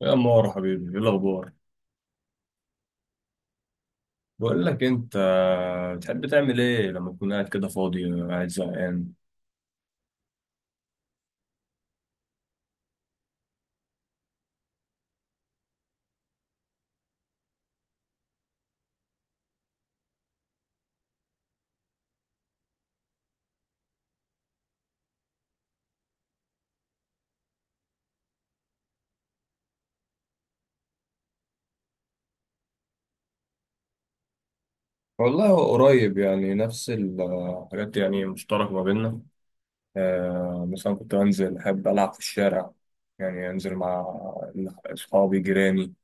يا مارو حبيبي، ايه الاخبار؟ بقول لك انت، بتحب تعمل ايه لما تكون قاعد كده فاضي، قاعد زهقان؟ والله هو قريب يعني، نفس الحاجات يعني مشتركه ما بيننا. مثلا كنت انزل احب العب في الشارع، يعني انزل مع اصحابي، جيراني.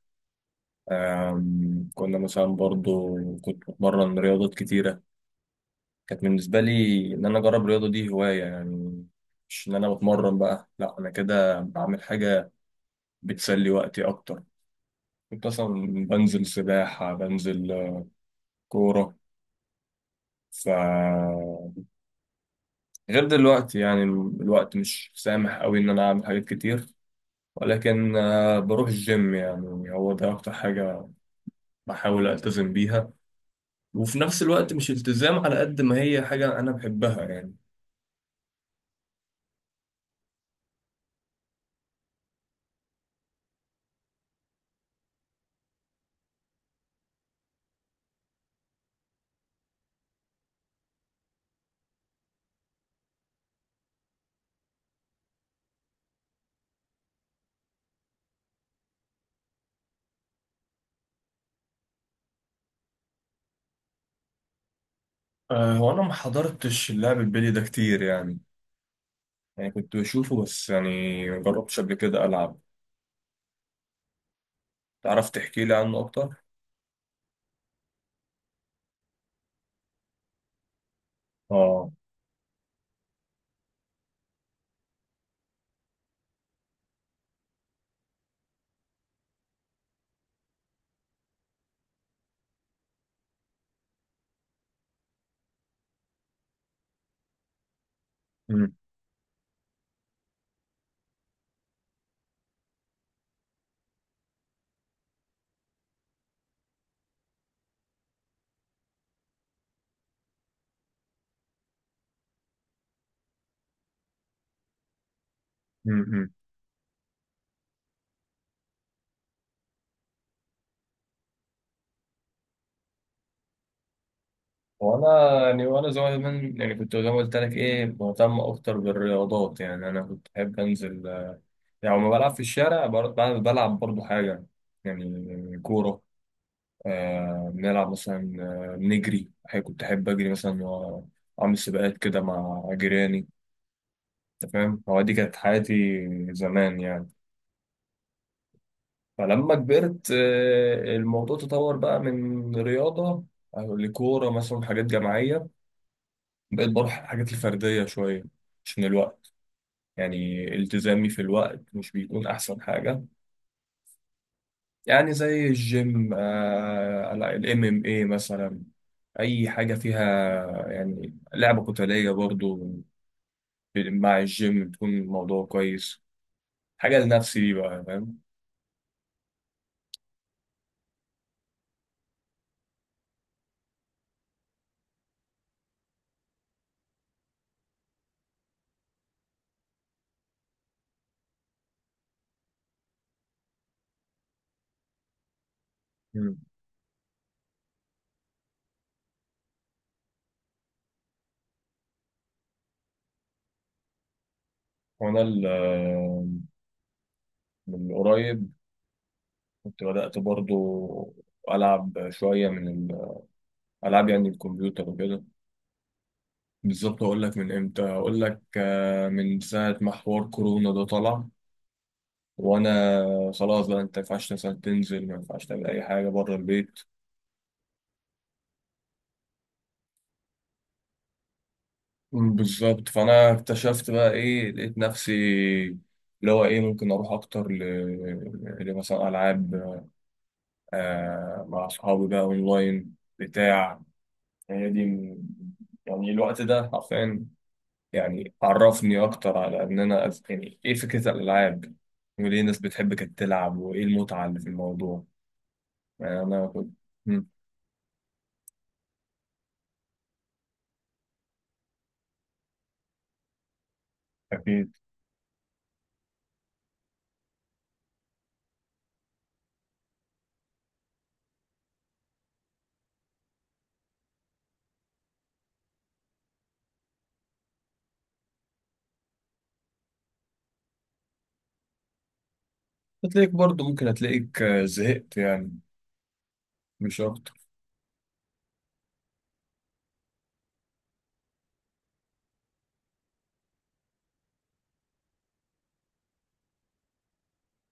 كنا مثلا برضو كنت بتمرن رياضات كتيره. كانت بالنسبه لي ان انا اجرب الرياضه دي هوايه يعني، مش ان انا بتمرن بقى، لا انا كده بعمل حاجه بتسلي وقتي اكتر. كنت أصلا بنزل سباحة، بنزل كورة. ف غير دلوقتي يعني الوقت مش سامح أوي إن أنا أعمل حاجات كتير، ولكن بروح الجيم، يعني هو ده أكتر حاجة بحاول ألتزم بيها. وفي نفس الوقت مش التزام، على قد ما هي حاجة أنا بحبها يعني. هو أنا ما حضرتش اللعب البلي ده كتير يعني، يعني كنت بشوفه بس، يعني ما جربتش قبل كده ألعب. تعرف تحكي لي عنه أكتر؟ آه. وانا يعني وانا صغير، من يعني كنت زي ما قلت لك ايه، مهتم اكتر بالرياضات يعني. انا كنت بحب انزل، يعني لما بلعب في الشارع بلعب برضو حاجه، يعني كوره. آه بنلعب مثلا، بنجري. أحيانا كنت احب اجري مثلا، واعمل سباقات كده مع جيراني. انت فاهم، هو دي كانت حياتي زمان يعني. فلما كبرت الموضوع تطور بقى من رياضه لكوره مثلا، حاجات جماعيه. بقيت بروح الحاجات الفرديه شويه عشان الوقت، يعني التزامي في الوقت مش بيكون أحسن حاجة. يعني زي الجيم، آه الام ام اي مثلا، أي حاجة فيها يعني لعبة قتالية برضو. مع الجيم بتكون الموضوع كويس، حاجة لنفسي دي بقى، فاهم. مم. وأنا من قريب كنت بدأت برضو ألعب شوية من الألعاب يعني الكمبيوتر وكده. بالظبط أقول لك من إمتى، أقول لك من ساعة ما حوار كورونا ده طلع، وانا خلاص بقى، انت ما ينفعش مثلا تنزل، ما ينفعش تعمل اي حاجه بره البيت. مم، بالظبط. فانا اكتشفت بقى ايه، لقيت نفسي اللي هو ايه، ممكن اروح اكتر لمثلا العاب آه مع اصحابي بقى اونلاين بتاع. هي دي يعني الوقت ده حرفيا يعني عرفني اكتر على ان انا يعني ايه فكره الالعاب، وليه الناس بتحب كانت تلعب، وايه المتعه اللي في الموضوع. يعني انا كنت. مم. أكيد. هتلاقيك برضه ممكن، هتلاقيك زهقت يعني، مش أكتر.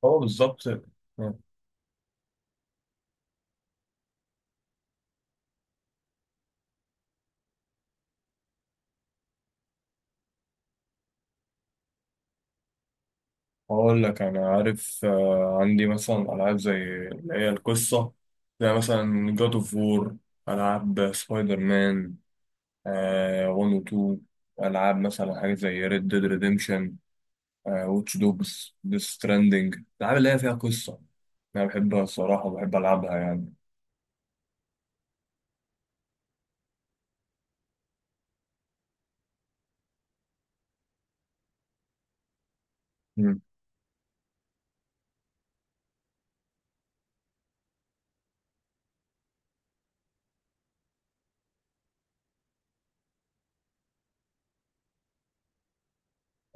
هو بالظبط. آه. أقول لك أنا عارف، عندي مثلا ألعاب زي اللي هي القصة، زي مثلا جاد أوف وور، ألعاب سبايدر مان آه 1 و 2، ألعاب مثلا حاجة زي ريد ديد ريديمشن، آه واتش دوجز، ديث ستراندنج. الألعاب اللي هي فيها قصة أنا بحبها الصراحة، وبحب ألعبها يعني. مم.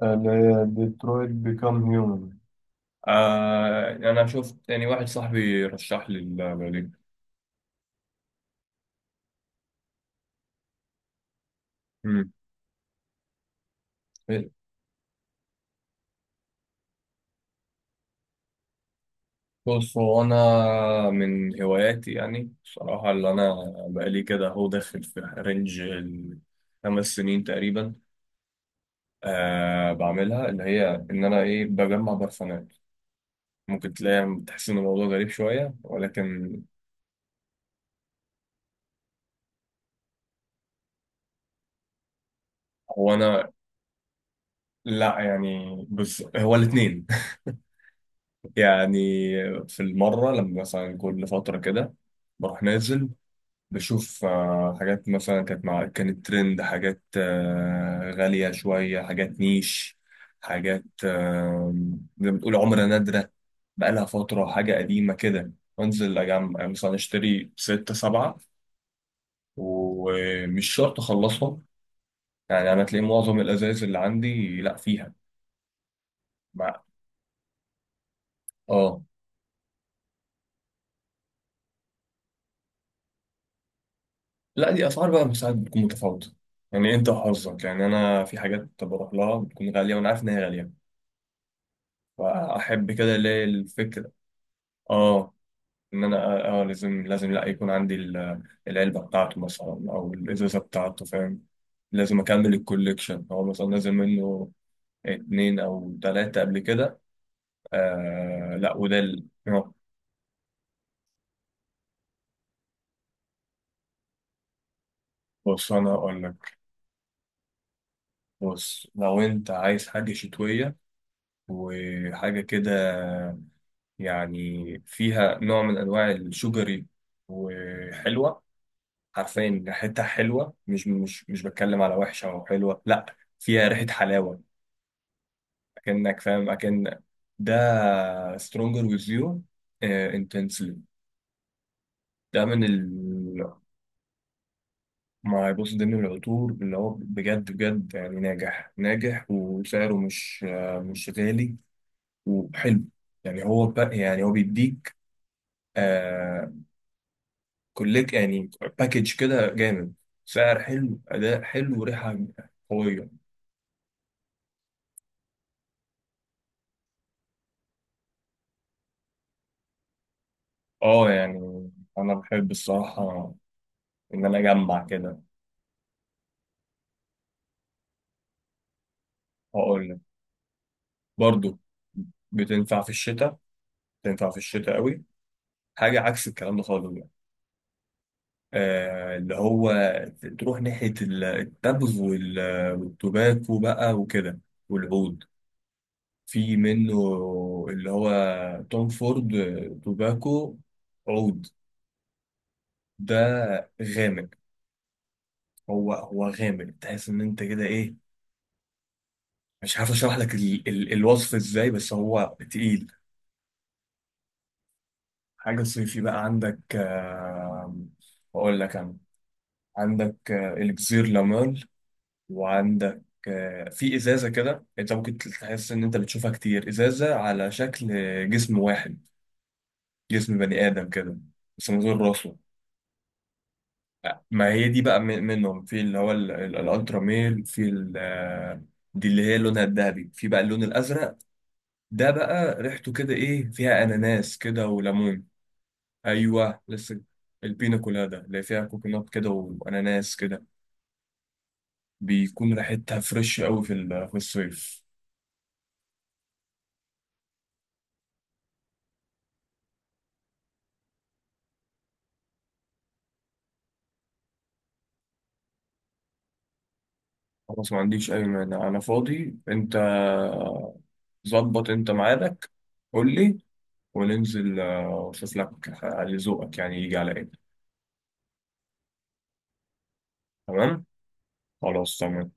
اللي هي ديترويت بيكام هيومن، آه انا شفت يعني واحد صاحبي رشح لي البرلين. امم بص، هو انا من هواياتي يعني بصراحة، اللي انا بقالي كده، هو داخل في رينج الخمس سنين تقريبا، آه بعملها، اللي هي ان انا ايه، بجمع برفانات. ممكن تلاقي تحس ان الموضوع غريب شوية، ولكن هو انا، لا يعني بص هو الاتنين. يعني في المرة لما مثلا كل فترة كده، بروح نازل بشوف، حاجات مثلا كانت مع، كانت ترند، حاجات غالية شوية، حاجات نيش، حاجات زي ما بتقول عملة نادرة بقالها فترة، حاجة قديمة كده. وانزل أجمع، مثلا اشتري ستة سبعة. ومش شرط أخلصهم، يعني أنا تلاقي معظم الأزايز اللي عندي لأ فيها مع. آه. لأ دي أسعار بقى ساعات بتكون متفاوتة، يعني أنت وحظك. يعني أنا في حاجات بروح لها بتكون غالية، وأنا عارف إن هي غالية، فأحب كده اللي هي الفكرة. اه، ان انا اه، لازم، لا يكون عندي العلبه بتاعته مثلا، او الازازه بتاعته، فاهم. لازم اكمل الكوليكشن، هو مثلا نازل منه اتنين او تلاته قبل كده. آه لا، وده ال- آه، بص انا هقول لك. بص لو انت عايز حاجه شتويه وحاجه كده، يعني فيها نوع من انواع الشجري وحلوه، عارفين ريحتها حلوه، مش بتكلم على وحشه او حلوه، لا فيها ريحه حلاوه، اكنك فاهم، اكن ده stronger with you آه، intensely. ده من ال ما يبص، ده من العطور اللي هو بجد بجد يعني، ناجح ناجح، وسعره مش مش غالي وحلو. يعني هو يعني هو بيديك آه كلك يعني، باكج كده جامد، سعر حلو، أداء حلو، وريحة قوية. اه يعني، أنا بحب الصراحة إن أنا أجمع كده. هقول لك برضه بتنفع في الشتاء، تنفع في الشتاء قوي، حاجه عكس الكلام ده خالص بقى، آه اللي هو تروح ناحيه التبغ والتباكو بقى وكده، والعود. في منه اللي هو توم فورد توباكو عود ده. غامق، هو غامق، تحس ان انت كده ايه، مش عارف اشرح لك ال ال الوصف ازاي، بس هو تقيل. حاجه صيفي بقى عندك آه، اقول لك انا، عندك الكزير لامال، وعندك في ازازه كده انت ممكن تحس ان انت بتشوفها كتير، ازازه على شكل جسم واحد، جسم بني ادم كده بس من غير راسه. ما هي دي بقى منهم، في اللي هو الالترا ميل، في دي اللي هي لونها الذهبي، في بقى اللون الازرق ده بقى، ريحته كده ايه، فيها اناناس كده وليمون. ايوه لسه، البينا كولادا اللي فيها كوكونات كده واناناس كده، بيكون ريحتها فريش قوي في الصيف. خلاص، ما عنديش أي مانع، أنا فاضي. أنت ظبط أنت ميعادك، قول لي، وننزل وأشوف لك على ذوقك، يعني يجي على إيه. تمام، خلاص تمام.